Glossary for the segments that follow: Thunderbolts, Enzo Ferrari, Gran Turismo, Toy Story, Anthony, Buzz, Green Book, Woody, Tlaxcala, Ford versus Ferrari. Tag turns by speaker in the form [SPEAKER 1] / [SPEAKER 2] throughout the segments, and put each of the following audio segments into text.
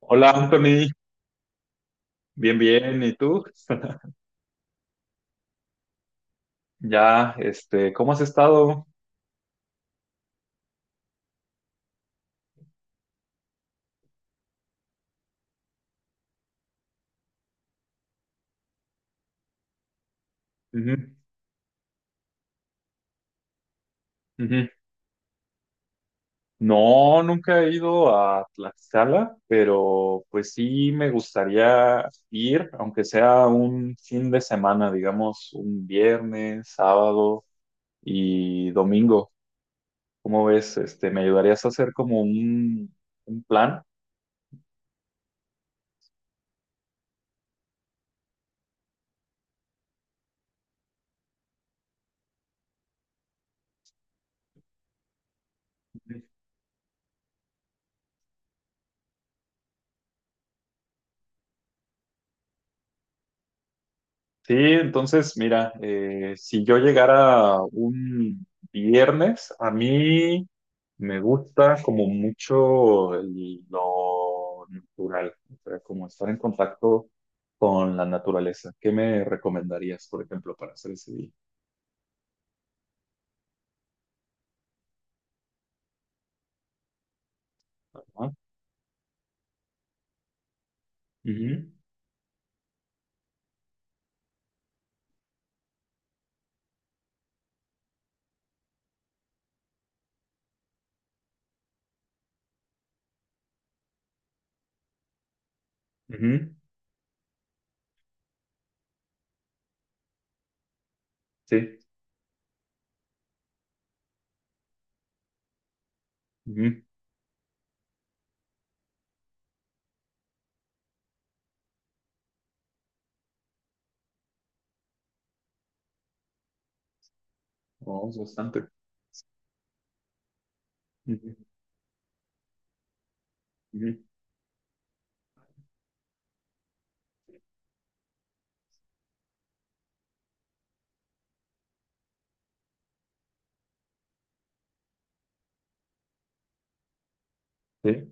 [SPEAKER 1] Hola Anthony, bien, bien, ¿y tú? Ya, ¿cómo has estado? Ujú, ujú. No, nunca he ido a Tlaxcala, pero pues sí me gustaría ir, aunque sea un fin de semana, digamos, un viernes, sábado y domingo. ¿Cómo ves? ¿Me ayudarías a hacer como un plan? Sí, entonces, mira, si yo llegara un viernes, a mí me gusta como mucho lo natural, o sea, como estar en contacto con la naturaleza. ¿Qué me recomendarías, por ejemplo, para hacer ese día? Ajá. Ujú, ujú, sí, ujú. Vamos bastante. Ujú, ujú, sí,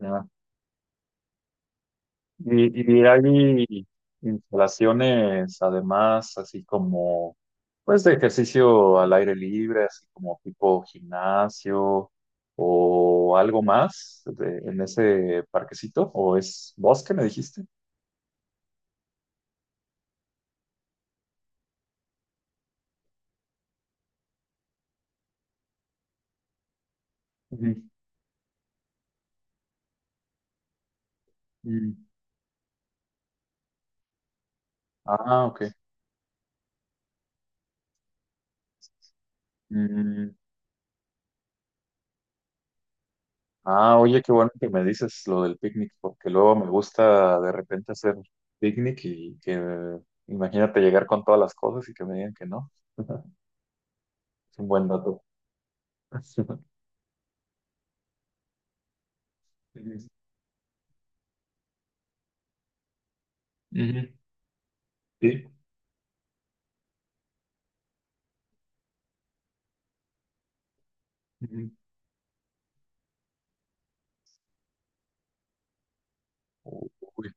[SPEAKER 1] ujú. Y hay instalaciones, además, así como, pues, de ejercicio al aire libre, así como tipo gimnasio o algo en ese parquecito, o es bosque, me dijiste. Ujú. Mm. Ah, ok. Mm. Ah, oye, qué bueno que me dices lo del picnic, porque luego me gusta de repente hacer picnic imagínate llegar con todas las cosas y que me digan que no. Es un buen dato. Ujú. Ujú. Sí. Ujú. Uy,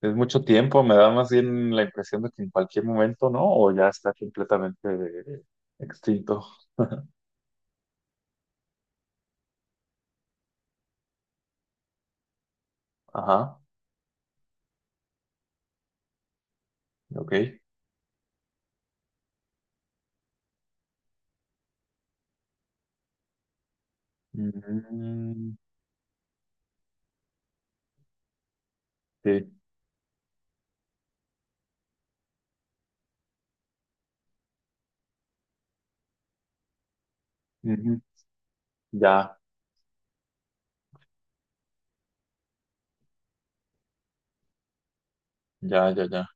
[SPEAKER 1] es mucho tiempo, me da más bien la impresión de que en cualquier momento, ¿no? O ya está completamente extinto. Ajá, ok. Mm, sí. Ujú. Ya, ya, ya, ya.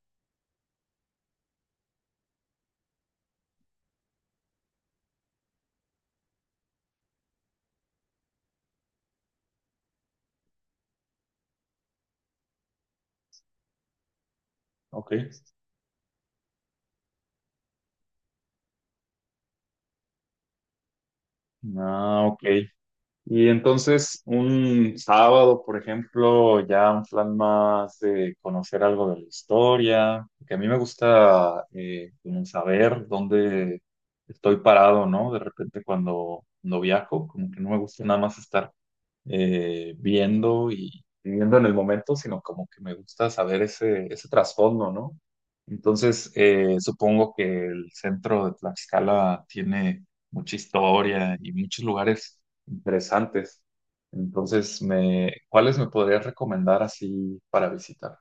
[SPEAKER 1] Ok. Ah, ok. Y entonces, un sábado, por ejemplo, ya un plan más de conocer algo de la historia, que a mí me gusta como saber dónde estoy parado, ¿no? De repente cuando viajo, como que no me gusta nada más estar viendo y viviendo en el momento, sino como que me gusta saber ese trasfondo, ¿no? Entonces, supongo que el centro de Tlaxcala tiene mucha historia y muchos lugares interesantes. Entonces, ¿cuáles me podrías recomendar así para visitar?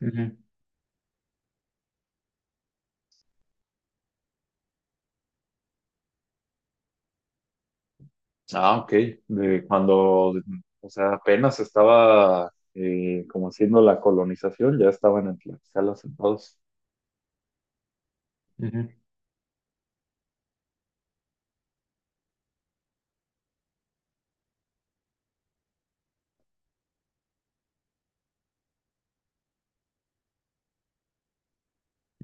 [SPEAKER 1] Ujú. Ah, ok. De cuando, o sea, apenas estaba como haciendo la colonización, ya estaban en Tlaxcala sentados. Ujú,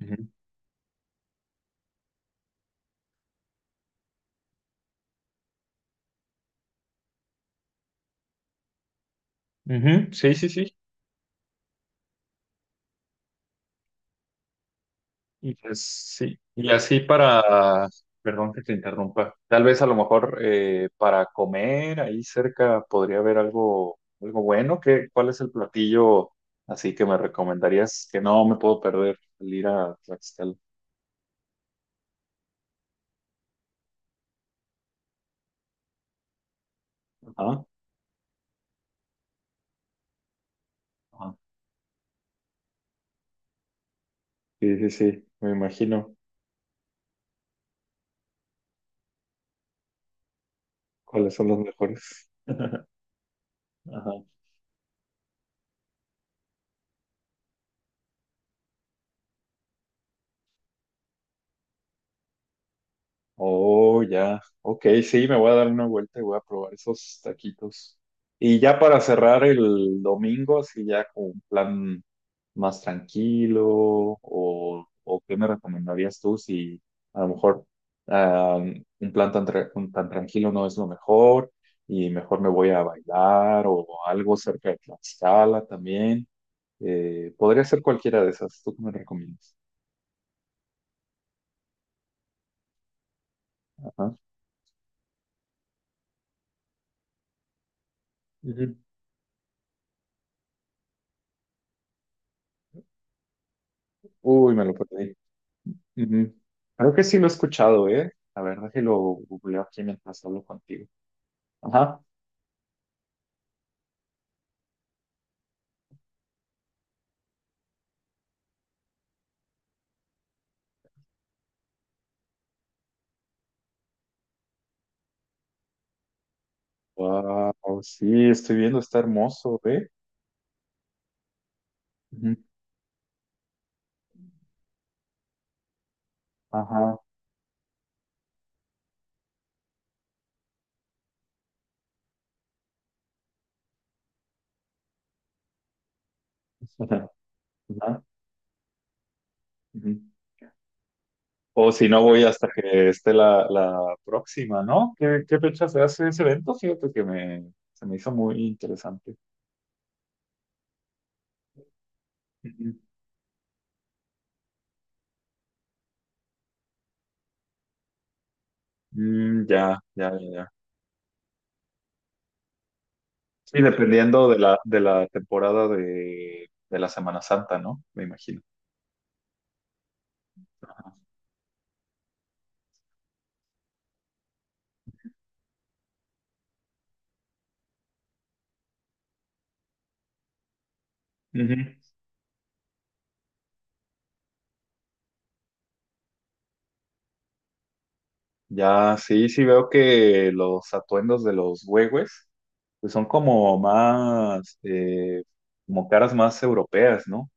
[SPEAKER 1] ujú. Ujú, sí, sí, sí. Y pues sí. Perdón que te interrumpa, tal vez a lo mejor para comer ahí cerca podría haber algo, algo bueno. ¿Qué, cuál es el platillo así que me recomendarías que no me puedo perder al ir a Tlaxcala? Ajá. Ajá. Sí, sí, sí, me imagino cuáles son los mejores. Ajá. Oh, ya. Ok, sí, me voy a dar una vuelta y voy a probar esos taquitos. Y ya para cerrar el domingo, así ya con un plan más tranquilo, o qué me recomendarías tú si a lo mejor ah, un plan tan tranquilo no es lo mejor y mejor me voy a bailar o algo cerca de Tlaxcala también. Podría ser cualquiera de esas. ¿Tú qué me recomiendas? Ajá. Ujú. Uy, me lo perdí. Ujú. Creo que sí lo he escuchado, ¿eh? La verdad que lo googleo aquí mientras hablo contigo. Ajá. Wow, sí, estoy viendo, está hermoso, ¿eh? Ujú. Ajá. Ajá. Ujú. O si no, voy hasta que esté la próxima, ¿no? ¿Qué, qué fecha se hace ese evento? Fíjate que se me hizo muy interesante. Ujú. Mm, ya, ya, ya, ya. Sí, dependiendo de de la temporada de la Semana Santa, ¿no? Me imagino. Ajá. Ujú. Ya, sí, sí veo que los atuendos de los huehues pues son como más, como caras más europeas, ¿no?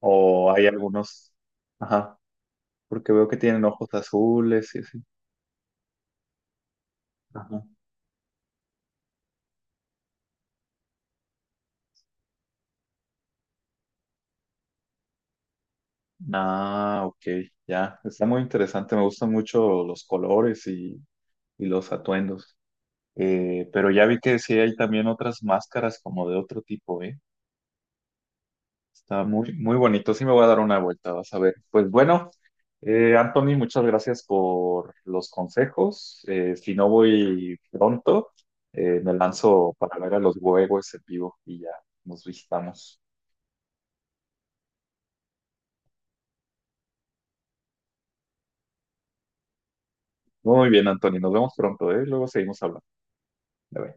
[SPEAKER 1] O hay algunos, ajá, porque veo que tienen ojos azules y así. Ajá. Ah, ok, ya, está muy interesante, me gustan mucho los colores y los atuendos. Pero ya vi que sí hay también otras máscaras como de otro tipo, ¿eh? Está muy, muy bonito, sí me voy a dar una vuelta, vas a ver. Pues bueno. Anthony, muchas gracias por los consejos. Si no voy pronto, me lanzo para ver a los huevos en vivo y ya nos visitamos. Muy bien, Anthony, nos vemos pronto, ¿eh? Luego seguimos hablando. Bye, bye.